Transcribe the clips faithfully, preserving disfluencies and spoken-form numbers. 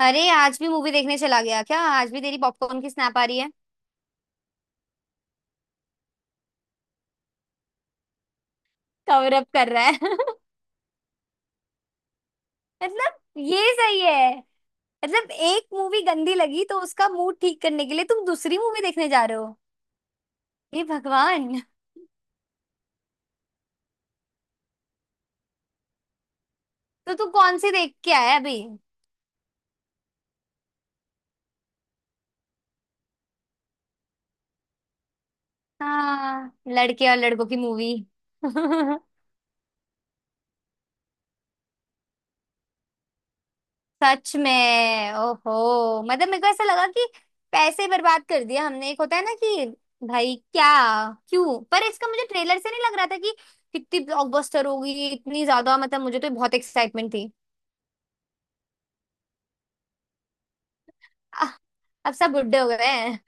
अरे आज भी मूवी देखने चला गया क्या? आज भी तेरी पॉपकॉर्न की स्नैप आ रही है। कवर अप कर रहा है। मतलब ये सही है। मतलब एक मूवी गंदी लगी तो उसका मूड ठीक करने के लिए तुम दूसरी मूवी देखने जा रहे हो? हे भगवान। तो तू कौन सी देख के आया अभी? हाँ लड़के और लड़कों की मूवी। सच में। ओहो, मतलब मेरे को ऐसा लगा कि पैसे बर्बाद कर दिया हमने। एक होता है ना कि भाई क्या, क्यों? पर इसका मुझे ट्रेलर से नहीं लग रहा था कि कितनी ब्लॉकबस्टर होगी इतनी ज्यादा। मतलब मुझे तो बहुत एक्साइटमेंट थी। आह, अब सब बुड्ढे हो गए हैं।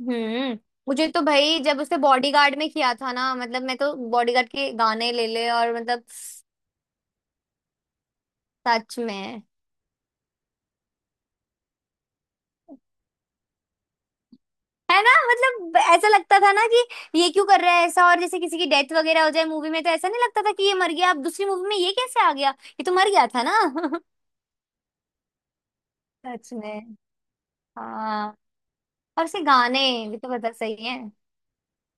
हम्म। मुझे तो भाई जब उसने बॉडीगार्ड में किया था ना, मतलब मैं तो बॉडीगार्ड के गाने ले ले और मतलब सच में है ना। मतलब ऐसा लगता था ना कि ये क्यों कर रहा है ऐसा, और जैसे किसी की डेथ वगैरह हो जाए मूवी में तो ऐसा नहीं लगता था कि ये मर गया, अब दूसरी मूवी में ये कैसे आ गया। ये तो मर गया था ना। सच में। हाँ और उसके गाने भी तो पता सही है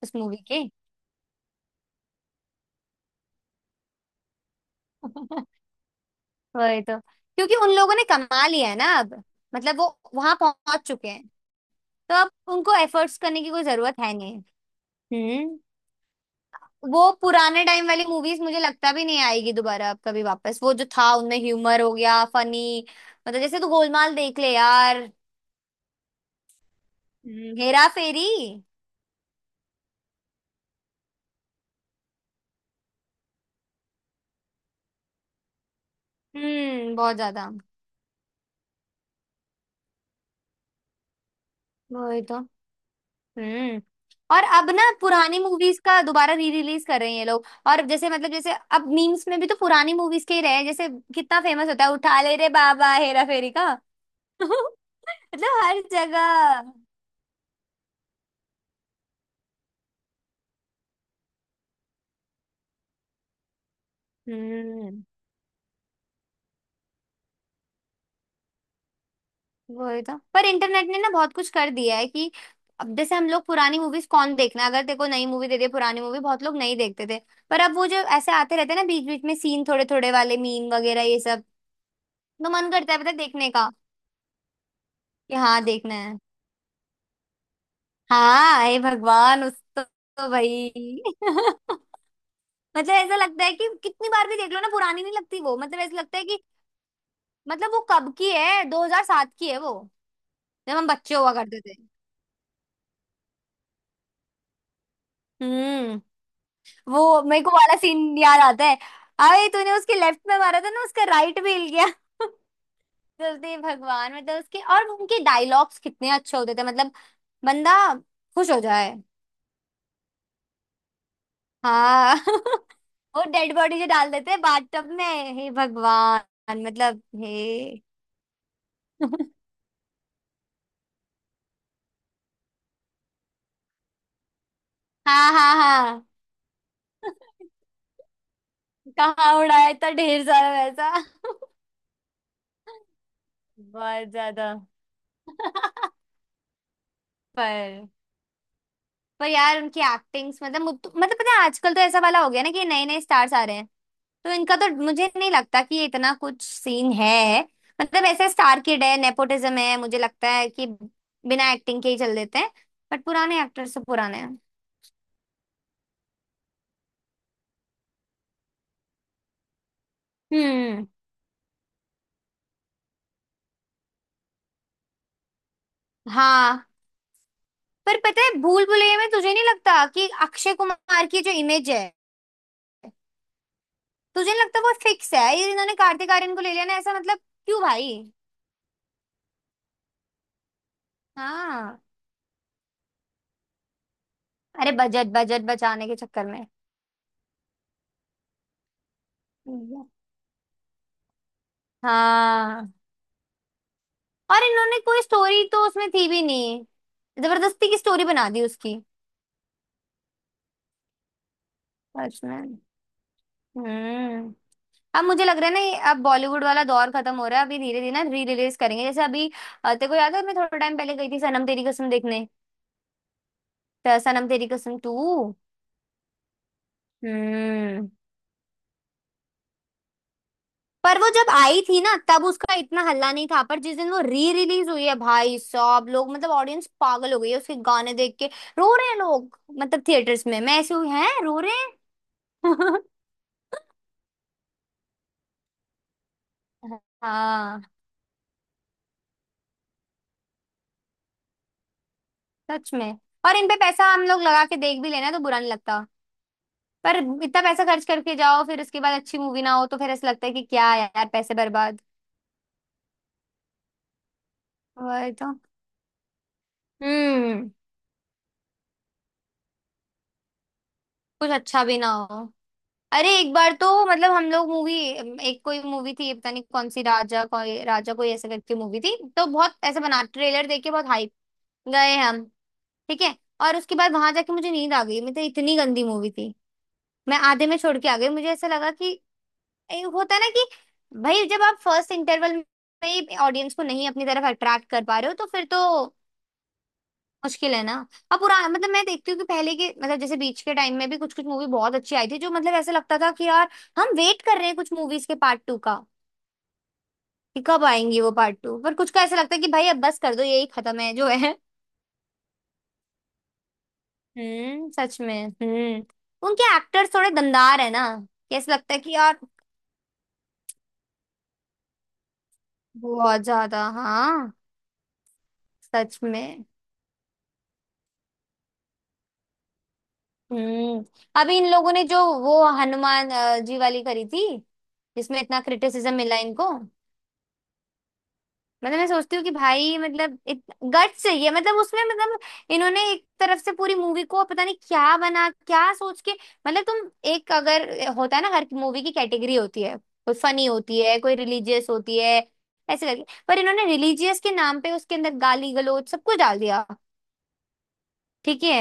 उस मूवी के। वही तो। क्योंकि उन लोगों ने कमा लिया है ना अब। मतलब वो वहां पहुंच चुके हैं, तो अब उनको एफर्ट्स करने की कोई जरूरत है नहीं। हम्म। वो पुराने टाइम वाली मूवीज मुझे लगता भी नहीं आएगी दोबारा अब कभी वापस। वो जो था उनमें ह्यूमर हो गया फनी, मतलब जैसे तू गोलमाल देख ले यार। हम्म, हेरा फेरी। हम्म बहुत ज्यादा। वही तो। हम्म। और अब ना पुरानी मूवीज का दोबारा री रिलीज कर रहे हैं ये लोग। और जैसे मतलब जैसे अब मीम्स में भी तो पुरानी मूवीज के ही रहे हैं। जैसे कितना फेमस होता है उठा ले रे बाबा हेरा फेरी का। मतलब हर जगह। हम्म वही तो। पर इंटरनेट ने ना बहुत कुछ कर दिया है कि अब जैसे हम लोग पुरानी मूवीज कौन देखना, अगर देखो नई मूवी दे दे पुरानी मूवी बहुत लोग नहीं देखते थे। पर अब वो जो ऐसे आते रहते हैं ना बीच बीच में सीन थोड़े थोड़े वाले मीम वगैरह ये सब, तो मन करता है पता है देखने का कि हाँ देखना है। हाँ हे भगवान। उस तो, तो भाई। मतलब ऐसा लगता है कि कितनी बार भी देख लो ना पुरानी नहीं लगती वो। मतलब ऐसा लगता है कि मतलब वो कब की है, दो हज़ार सात की है वो, जब हम बच्चे हुआ करते थे। हम्म। वो मेरे को वाला सीन याद आता है, अरे तूने उसके लेफ्ट में मारा था ना उसका राइट भी हिल गया। जल्दी भगवान, मतलब उसके और उनके डायलॉग्स कितने अच्छे होते थे मतलब, बंदा खुश हो जाए। हाँ। वो डेड बॉडी जो डाल देते हैं बाथटब में, हे भगवान मतलब हे। हाँ हाँ हाँ। कहाँ उड़ाया था ढेर सारा वैसा। बहुत ज्यादा। पर पर यार उनकी एक्टिंग्स मतलब मुत- मतलब पता है आजकल तो ऐसा वाला हो गया ना कि नए नए स्टार्स आ रहे हैं। तो इनका तो मुझे नहीं लगता कि ये इतना कुछ सीन है। मतलब ऐसे स्टार किड है, नेपोटिज्म है, मुझे लगता है कि बिना एक्टिंग के ही चल देते हैं। बट पुराने एक्टर्स तो पुराने हैं। हम्म हाँ। पर पता है भूल भुलैया में तुझे नहीं लगता कि अक्षय कुमार की जो इमेज है, तुझे नहीं लगता वो फिक्स है? ये इन्होंने कार्तिक आर्यन को ले लिया ना ऐसा, मतलब क्यों भाई? हाँ, अरे बजट बजट बचाने के चक्कर में। हाँ। और इन्होंने कोई स्टोरी तो उसमें थी भी नहीं, जबरदस्ती की स्टोरी बना दी उसकी। सच में। हम्म। अब मुझे लग रहा है ना ये अब बॉलीवुड वाला दौर खत्म हो रहा है, अभी धीरे धीरे ना री रिलीज करेंगे जैसे अभी। अ, तेरे को याद है मैं थोड़ा टाइम पहले गई थी सनम तेरी कसम देखने? तो सनम तेरी कसम टू। हम्म। पर वो जब आई थी ना तब उसका इतना हल्ला नहीं था, पर जिस दिन वो री रिलीज हुई है भाई साहब, लोग मतलब ऑडियंस पागल हो गई है उसके गाने देख के। रो रहे हैं लोग मतलब थिएटर्स में, मैं ऐसे हुई है रो रहे हैं। हाँ सच में। और इन पे पैसा हम लोग लगा के देख भी लेना तो बुरा नहीं लगता। पर इतना पैसा खर्च करके जाओ फिर उसके बाद अच्छी मूवी ना हो तो फिर ऐसा लगता है कि क्या यार पैसे बर्बाद। वही तो। हम्म। कुछ अच्छा भी ना हो। अरे एक बार तो मतलब हम लोग मूवी, एक कोई मूवी थी पता नहीं कौन सी, राजा कोई राजा कोई ऐसे करके मूवी थी, तो बहुत ऐसे बना ट्रेलर देख के बहुत हाइप, गए हम। ठीक है, और उसके बाद वहां जाके मुझे नींद आ गई, मतलब इतनी गंदी मूवी थी। मैं आधे में छोड़ के आ गई, मुझे ऐसा लगा कि ए, होता है ना कि भाई जब आप फर्स्ट इंटरवल में ही ऑडियंस को नहीं अपनी तरफ अट्रैक्ट कर पा रहे हो तो फिर तो मुश्किल है ना। अब पुराना मतलब मैं देखती हूँ कि पहले के, मतलब जैसे बीच के टाइम में भी कुछ कुछ मूवी बहुत अच्छी आई थी जो, मतलब ऐसा लगता था कि यार हम वेट कर रहे हैं कुछ मूवीज के पार्ट टू का कि कब आएंगी वो पार्ट टू, पर कुछ का ऐसा लगता है कि भाई अब बस कर दो यही खत्म है जो है। हम्म। सच में। हम्म। उनके एक्टर्स थोड़े दमदार है ना कि ऐसा लगता है कि यार। बहुत ज्यादा हाँ। सच में हम्म। अभी इन लोगों ने जो वो हनुमान अ, जी वाली करी थी, जिसमें इतना क्रिटिसिज्म मिला इनको। मतलब मैं सोचती हूँ कि भाई मतलब इत, गट चाहिए मतलब उसमें मतलब, इन्होंने एक तरफ से पूरी मूवी को पता नहीं क्या बना क्या सोच के। मतलब तुम एक अगर, होता है ना हर मूवी की कैटेगरी होती है, कोई फनी होती है कोई रिलीजियस होती है ऐसे करके। पर इन्होंने रिलीजियस के नाम पे उसके अंदर गाली गलौज सब कुछ डाल दिया। ठीक है।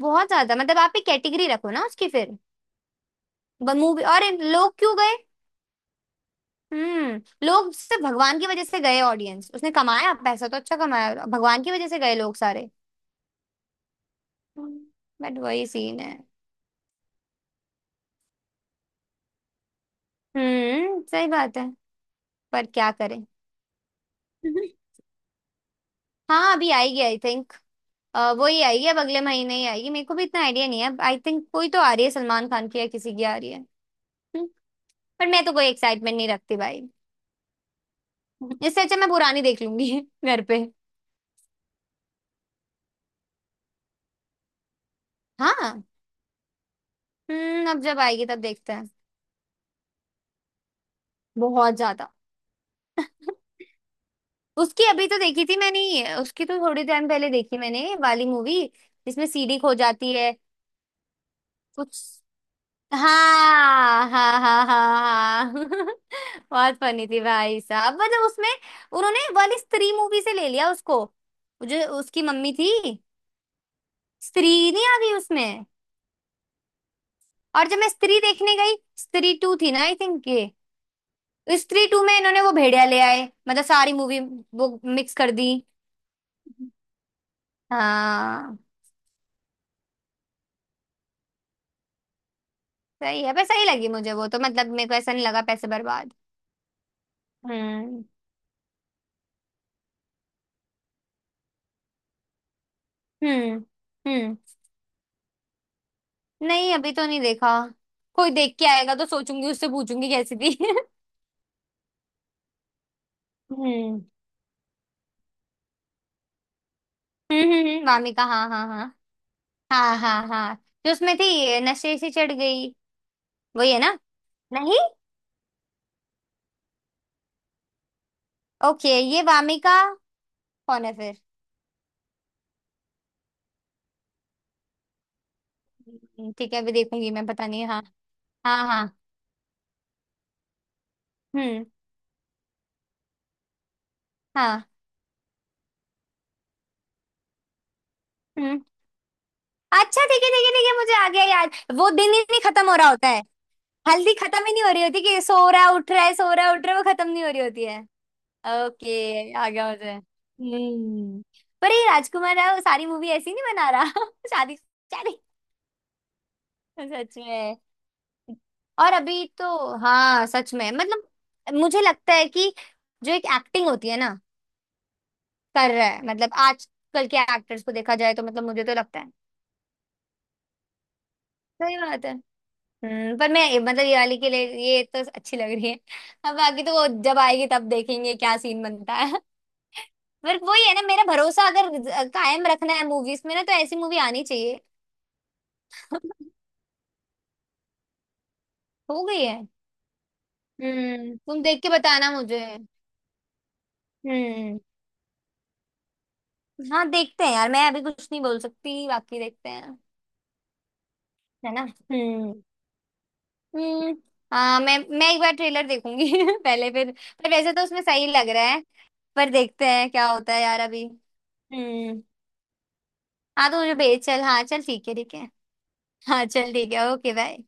बहुत ज्यादा, मतलब आप एक कैटेगरी रखो ना उसकी फिर। मूवी और इन- लोग क्यों गए? हम्म। लोग सिर्फ भगवान की वजह से गए ऑडियंस, उसने कमाया पैसा तो अच्छा कमाया, भगवान की वजह से गए लोग सारे। बट वही सीन है। हम्म सही बात है। पर क्या करें? हाँ अभी आएगी आई थिंक, वो ही आएगी, अब अगले महीने ही आएगी। मेरे को भी इतना आइडिया नहीं है आई थिंक, कोई तो आ रही है सलमान खान की या किसी की आ रही है। हम्म, पर मैं तो कोई एक्साइटमेंट नहीं रखती भाई। इससे अच्छा मैं पुरानी देख लूंगी। घर पे। हाँ हम्म। अब जब आएगी तब देखते हैं। बहुत ज्यादा। उसकी अभी तो देखी थी मैंने ये, उसकी तो थोड़ी टाइम पहले देखी मैंने वाली मूवी जिसमें सीडी खो जाती है कुछ। हाँ हाँ हाँ हाँ हाँ। बहुत फनी थी भाई साहब, मतलब उसमें उन्होंने वाली स्त्री मूवी से ले लिया उसको, जो उसकी मम्मी थी, स्त्री नहीं आ गई उसमें। और जब मैं स्त्री देखने गई, स्त्री टू थी ना आई थिंक ये, तो स्त्री टू में इन्होंने वो भेड़िया ले आए मतलब सारी मूवी, वो मिक्स कर दी। हाँ सही है पर सही लगी मुझे वो तो, मतलब मेरे को ऐसा नहीं लगा पैसे बर्बाद। हम्म हम्म हम्म। नहीं अभी तो नहीं देखा। कोई देख के आएगा तो सोचूंगी, उससे पूछूंगी कैसी थी। हम्म हम्म हम्म, हम्म, वामिका हाँ हाँ हाँ। हाँ हाँ हाँ। जो उसमें थी ये नशे से चढ़ गई, वही है ना? नहीं, ओके ये वामिका कौन है फिर? हम्म, ठीक है अभी देखूंगी मैं पता नहीं। हाँ हाँ हाँ। हम्म हाँ। हम्म अच्छा ठीक है ठीक है ठीक है, मुझे आ गया याद। वो दिन ही नहीं खत्म हो रहा होता है। हल्दी खत्म ही नहीं हो रही होती कि सो रहा है, उठ रहा है, सो रहा है, उठ रहा है, वो खत्म नहीं हो रही होती है। ओके आ गया मुझे। हम्म। पर ये राजकुमार राव सारी मूवी ऐसी नहीं बना रहा। शादी शादी। सच में। और अभी तो हाँ सच में, मतलब मुझे लगता है कि जो एक एक्टिंग होती है ना कर रहा है, मतलब आजकल के एक्टर्स को देखा जाए तो मतलब मुझे तो लगता है। सही बात है। हम्म। पर मैं मतलब ये वाली के लिए ये तो अच्छी लग रही है। अब बाकी तो वो जब आएगी तब देखेंगे क्या सीन बनता है। पर वही है ना, मेरा भरोसा अगर ज- कायम रखना है मूवीज में ना तो ऐसी मूवी आनी चाहिए। हो गई है। हम्म तुम देख के बताना मुझे। हम्म हाँ देखते हैं यार, मैं अभी कुछ नहीं बोल सकती बाकी देखते हैं। है ना हम्म। हम्म हाँ मैं मैं एक बार ट्रेलर देखूंगी। पहले फिर। पर वैसे तो उसमें सही लग रहा है, पर देखते हैं क्या होता है यार अभी। हम्म। हाँ तो मुझे भेज चल। हाँ चल ठीक है ठीक है। हाँ चल ठीक है, ओके बाय।